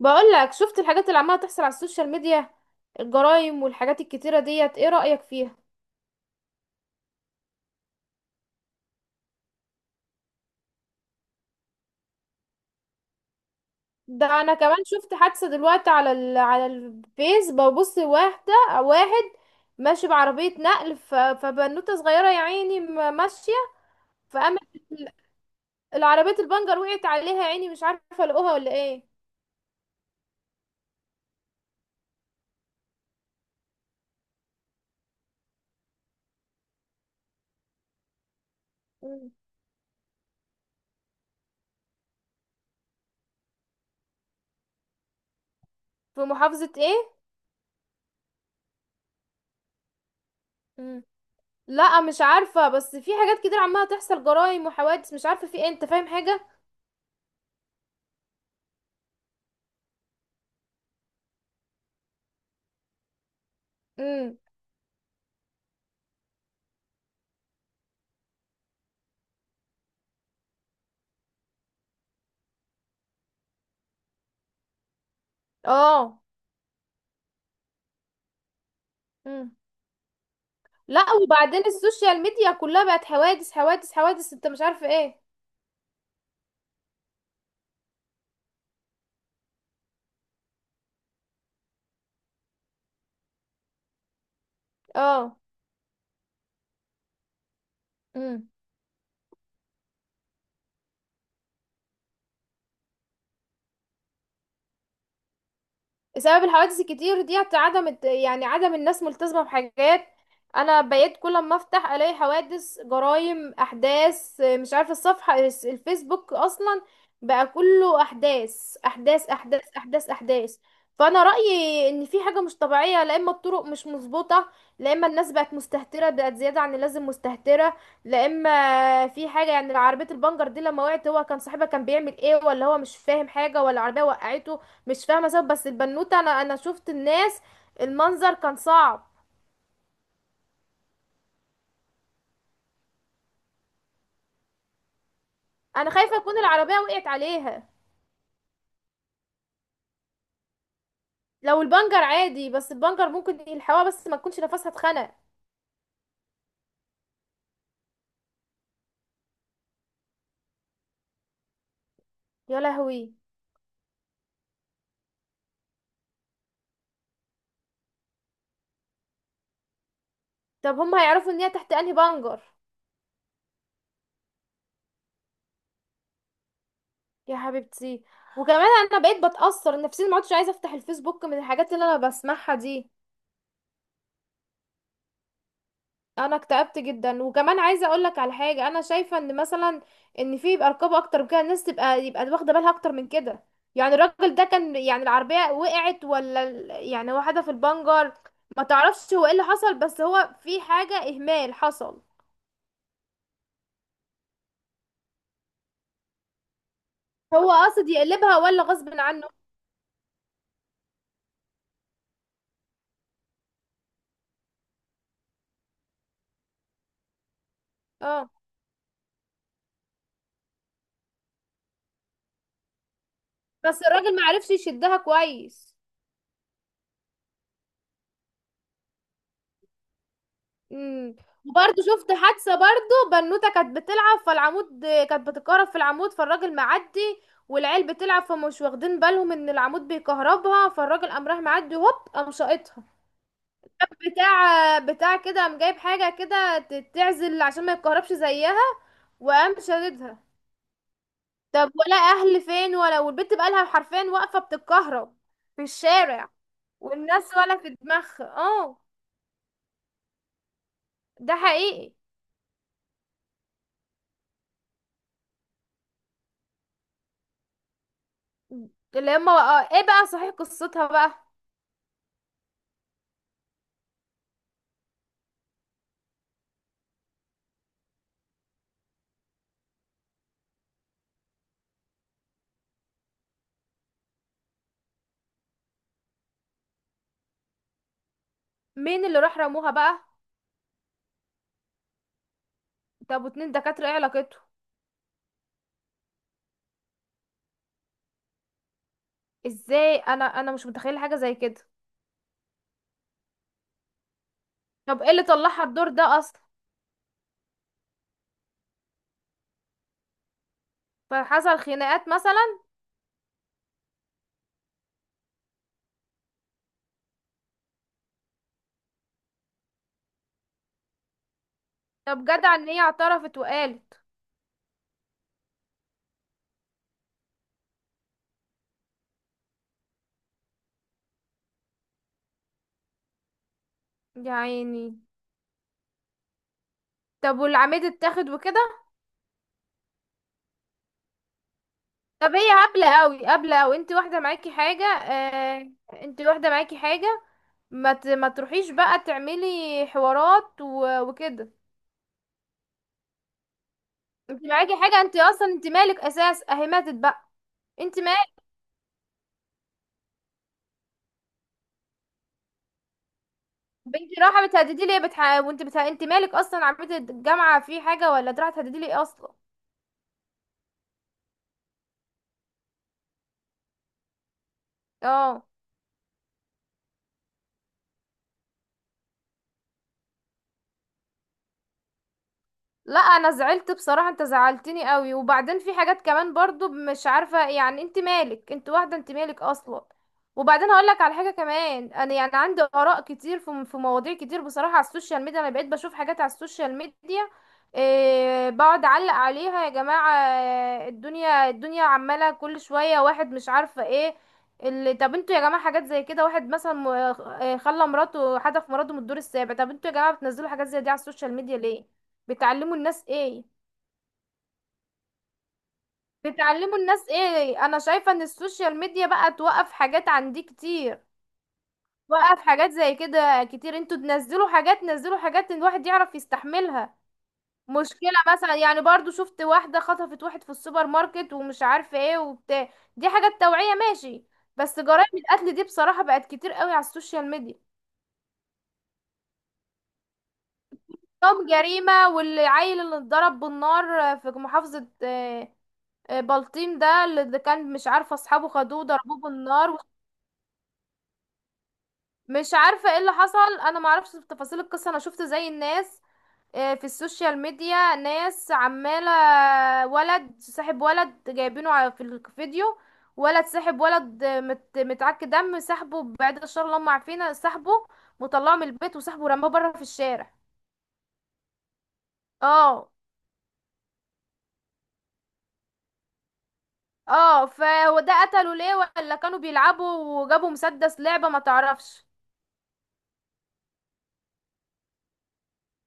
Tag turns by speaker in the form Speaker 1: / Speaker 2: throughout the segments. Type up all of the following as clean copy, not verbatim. Speaker 1: بقول لك، شفت الحاجات اللي عماله تحصل على السوشيال ميديا؟ الجرائم والحاجات الكتيره ديت، ايه رأيك فيها؟ ده انا كمان شفت حادثه دلوقتي على على الفيس، ببص واحده واحد ماشي بعربيه نقل، فبنوته صغيره، يا عيني، ماشيه، فقامت ال- العربيه البنجر وقعت عليها، يا عيني مش عارفه لقوها ولا ايه. مم. في محافظه ايه؟ مم. لا، مش عارفه، بس في حاجات كتير عماله تحصل، جرائم وحوادث، مش عارفه في ايه، انت فاهم حاجه؟ امم. اه. مم. لا، وبعدين السوشيال ميديا كلها بقت حوادث حوادث حوادث، انت مش عارفه ايه. اه. مم. سبب الحوادث الكتير دي عدم يعني عدم الناس ملتزمة بحاجات. انا بقيت كل ما افتح الاقي حوادث جرائم احداث مش عارفة. الصفحة، الفيسبوك اصلا، بقى كله احداث احداث احداث احداث احداث. فانا رأيي ان في حاجة مش طبيعية، لا اما الطرق مش مظبوطة، لا اما الناس بقت مستهترة، بقت زيادة عن اللازم مستهترة، لا اما في حاجة. يعني عربية البنجر دي لما وقعت، هو كان صاحبها كان بيعمل ايه، ولا هو مش فاهم حاجة، ولا العربية وقعته؟ مش فاهمه سبب، بس البنوته، انا شفت الناس. المنظر كان صعب. انا خايفه تكون العربيه وقعت عليها. لو البنجر عادي، بس البنجر ممكن يلحقوها، بس ما تكونش نفسها اتخنق. يا لهوي. طب هم هيعرفوا ان هي تحت انهي بنجر؟ يا حبيبتي. وكمان انا بقيت بتاثر نفسيا، ما عدتش عايزه افتح الفيسبوك من الحاجات اللي انا بسمعها دي. انا اكتئبت جدا، وكمان عايزه اقول لك على حاجه. انا شايفه ان مثلا ان في يبقى رقابه اكتر من كده، الناس تبقى يبقى واخده بالها اكتر من كده. يعني الراجل ده كان، يعني العربيه وقعت ولا يعني واحده في البنجر، ما تعرفش هو ايه اللي حصل، بس هو في حاجه اهمال حصل. هو قاصد يقلبها ولا غصب عنه؟ اه. بس الراجل ما عرفش يشدها كويس. امم. وبرضه شفت حادثة، برضه بنوتة كانت بتلعب فالعمود، كانت بتتكهرب في العمود، فالراجل معدي والعيال بتلعب، فمش واخدين بالهم ان العمود بيكهربها، فالراجل قام راح معدي هوب قام شاقطها، بتاع كده قام جايب حاجة كده تعزل عشان ما يتكهربش زيها، وقام شاددها. طب ولا اهل فين ولا، والبنت بقالها حرفيا واقفة بتتكهرب في الشارع والناس ولا في دماغها، اه. ده حقيقي. اللي هما بقى ايه بقى؟ صحيح، قصتها بقى، مين اللي راح رموها بقى؟ طب واتنين دكاترة ايه علاقته؟ ازاي؟ انا مش متخيلة حاجة زي كده. طب ايه اللي طلعها الدور ده اصلا؟ فحصل خناقات مثلا؟ طب جدع ان هي اعترفت وقالت. يا عيني. طب والعميد اتاخد وكده؟ طب هي هبلة قوي، هبلة قوي، انت واحدة معاكي حاجة، انت واحدة معاكي حاجة، ما تروحيش بقى تعملي حوارات وكده. انت معاكي حاجة، انت اصلا انت مالك اساس، اهي ماتت بقى. انت مالك؟ بنتي رايحه بتهددي لي، وانت انت مالك اصلا، عملت الجامعه في حاجه، ولا رايحه تهددي لي اصلا؟ اه. لا، انا زعلت بصراحة، انت زعلتني قوي. وبعدين في حاجات كمان برضو مش عارفة، يعني انت مالك، انت واحدة، انت مالك اصلا. وبعدين هقولك على حاجة كمان، انا يعني عندي اراء كتير في مواضيع كتير بصراحة. على السوشيال ميديا انا بقيت بشوف حاجات على السوشيال ميديا، إيه، بقعد اعلق عليها، يا جماعة، الدنيا عمالة كل شوية، واحد مش عارفة ايه اللي. طب انتوا يا جماعة حاجات زي كده، واحد مثلا خلى مراته، حدف مراته من الدور السابع، طب انتوا يا جماعة بتنزلوا حاجات زي دي على السوشيال ميديا ليه؟ بتعلموا الناس ايه؟ بتعلموا الناس ايه؟ انا شايفة ان السوشيال ميديا بقى توقف حاجات عندي كتير، توقف حاجات زي كده كتير. انتوا تنزلوا حاجات، نزلوا حاجات ان الواحد يعرف يستحملها. مشكلة مثلا، يعني برضو شفت واحدة خطفت واحد في السوبر ماركت ومش عارفة ايه وبتاع، دي حاجات توعية ماشي. بس جرائم القتل دي بصراحة بقت كتير قوي على السوشيال ميديا. طب جريمة والعيل اللي اتضرب بالنار في محافظة، بلطيم، ده اللي كان مش عارفه، اصحابه خدوه ضربوه بالنار. مش عارفه ايه اللي حصل، انا ما اعرفش تفاصيل القصه، انا شفت زي الناس، في السوشيال ميديا ناس عماله، ولد صاحب ولد جايبينه في الفيديو، ولد ساحب ولد، متعك دم، سحبه، بعد الشر اللهم، عارفين، سحبه وطلعه من البيت وسحبه رماه بره في الشارع. اه. اه. فهو ده قتله ليه؟ ولا كانوا بيلعبوا وجابوا مسدس لعبه، ما تعرفش.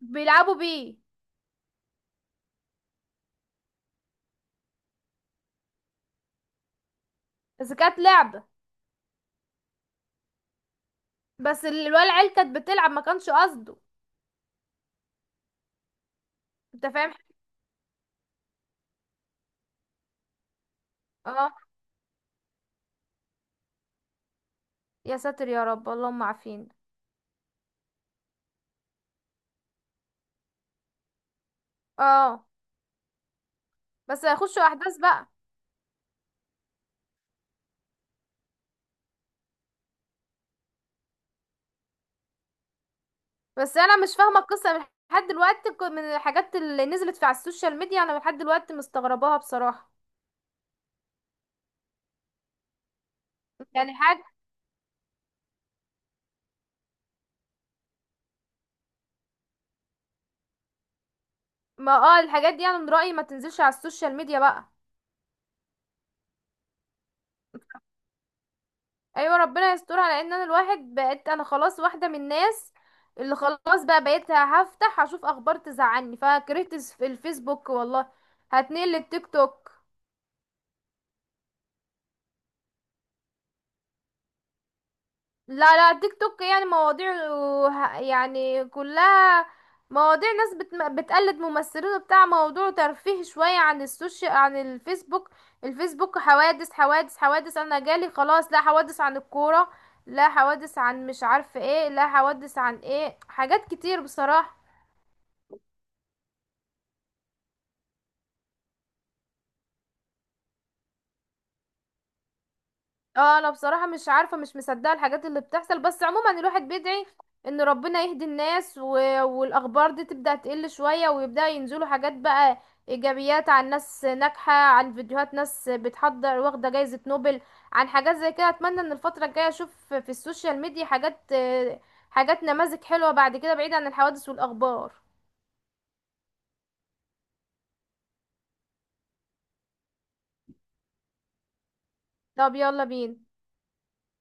Speaker 1: بيلعبوا بيه. بس كانت لعبة، بس الولا العيال كانت بتلعب ما كانش قصده، انت فاهم. اه. يا ساتر يا رب، اللهم عافينا. اه. بس هيخشوا احداث بقى. بس انا مش فاهمة القصة من لحد دلوقتي، من الحاجات اللي نزلت في على السوشيال ميديا، انا لحد دلوقتي مستغرباها بصراحة. يعني حاجة. ما اه، الحاجات دي انا من رأيي ما تنزلش على السوشيال ميديا بقى. ايوه، ربنا يستر. على ان انا الواحد بقيت، انا خلاص واحده من الناس اللي خلاص بقى، بقيت هفتح هشوف اخبار تزعلني، فكرهت الفيسبوك والله. هتنقل للتيك توك. لا لا، التيك توك يعني مواضيع، يعني كلها مواضيع ناس بتقلد ممثلين وبتاع، موضوع ترفيه شويه عن السوشيال، عن الفيسبوك. الفيسبوك حوادث حوادث حوادث، انا جالي خلاص، لا حوادث عن الكوره، لا حوادث عن مش عارفه ايه، لا حوادث عن ايه، حاجات كتير بصراحه. اه، انا بصراحة مش عارفة، مش مصدقة الحاجات اللي بتحصل، بس عموما الواحد بيدعي ان ربنا يهدي الناس والاخبار دي تبدأ تقل شوية، ويبدأ ينزلوا حاجات بقى ايجابيات عن ناس ناجحة، عن فيديوهات ناس بتحضر واخدة جايزة نوبل، عن حاجات زي كده. اتمنى ان الفترة الجاية اشوف في السوشيال ميديا حاجات، حاجات نماذج حلوة بعد كده بعيد عن الحوادث والاخبار. طب يلا بينا.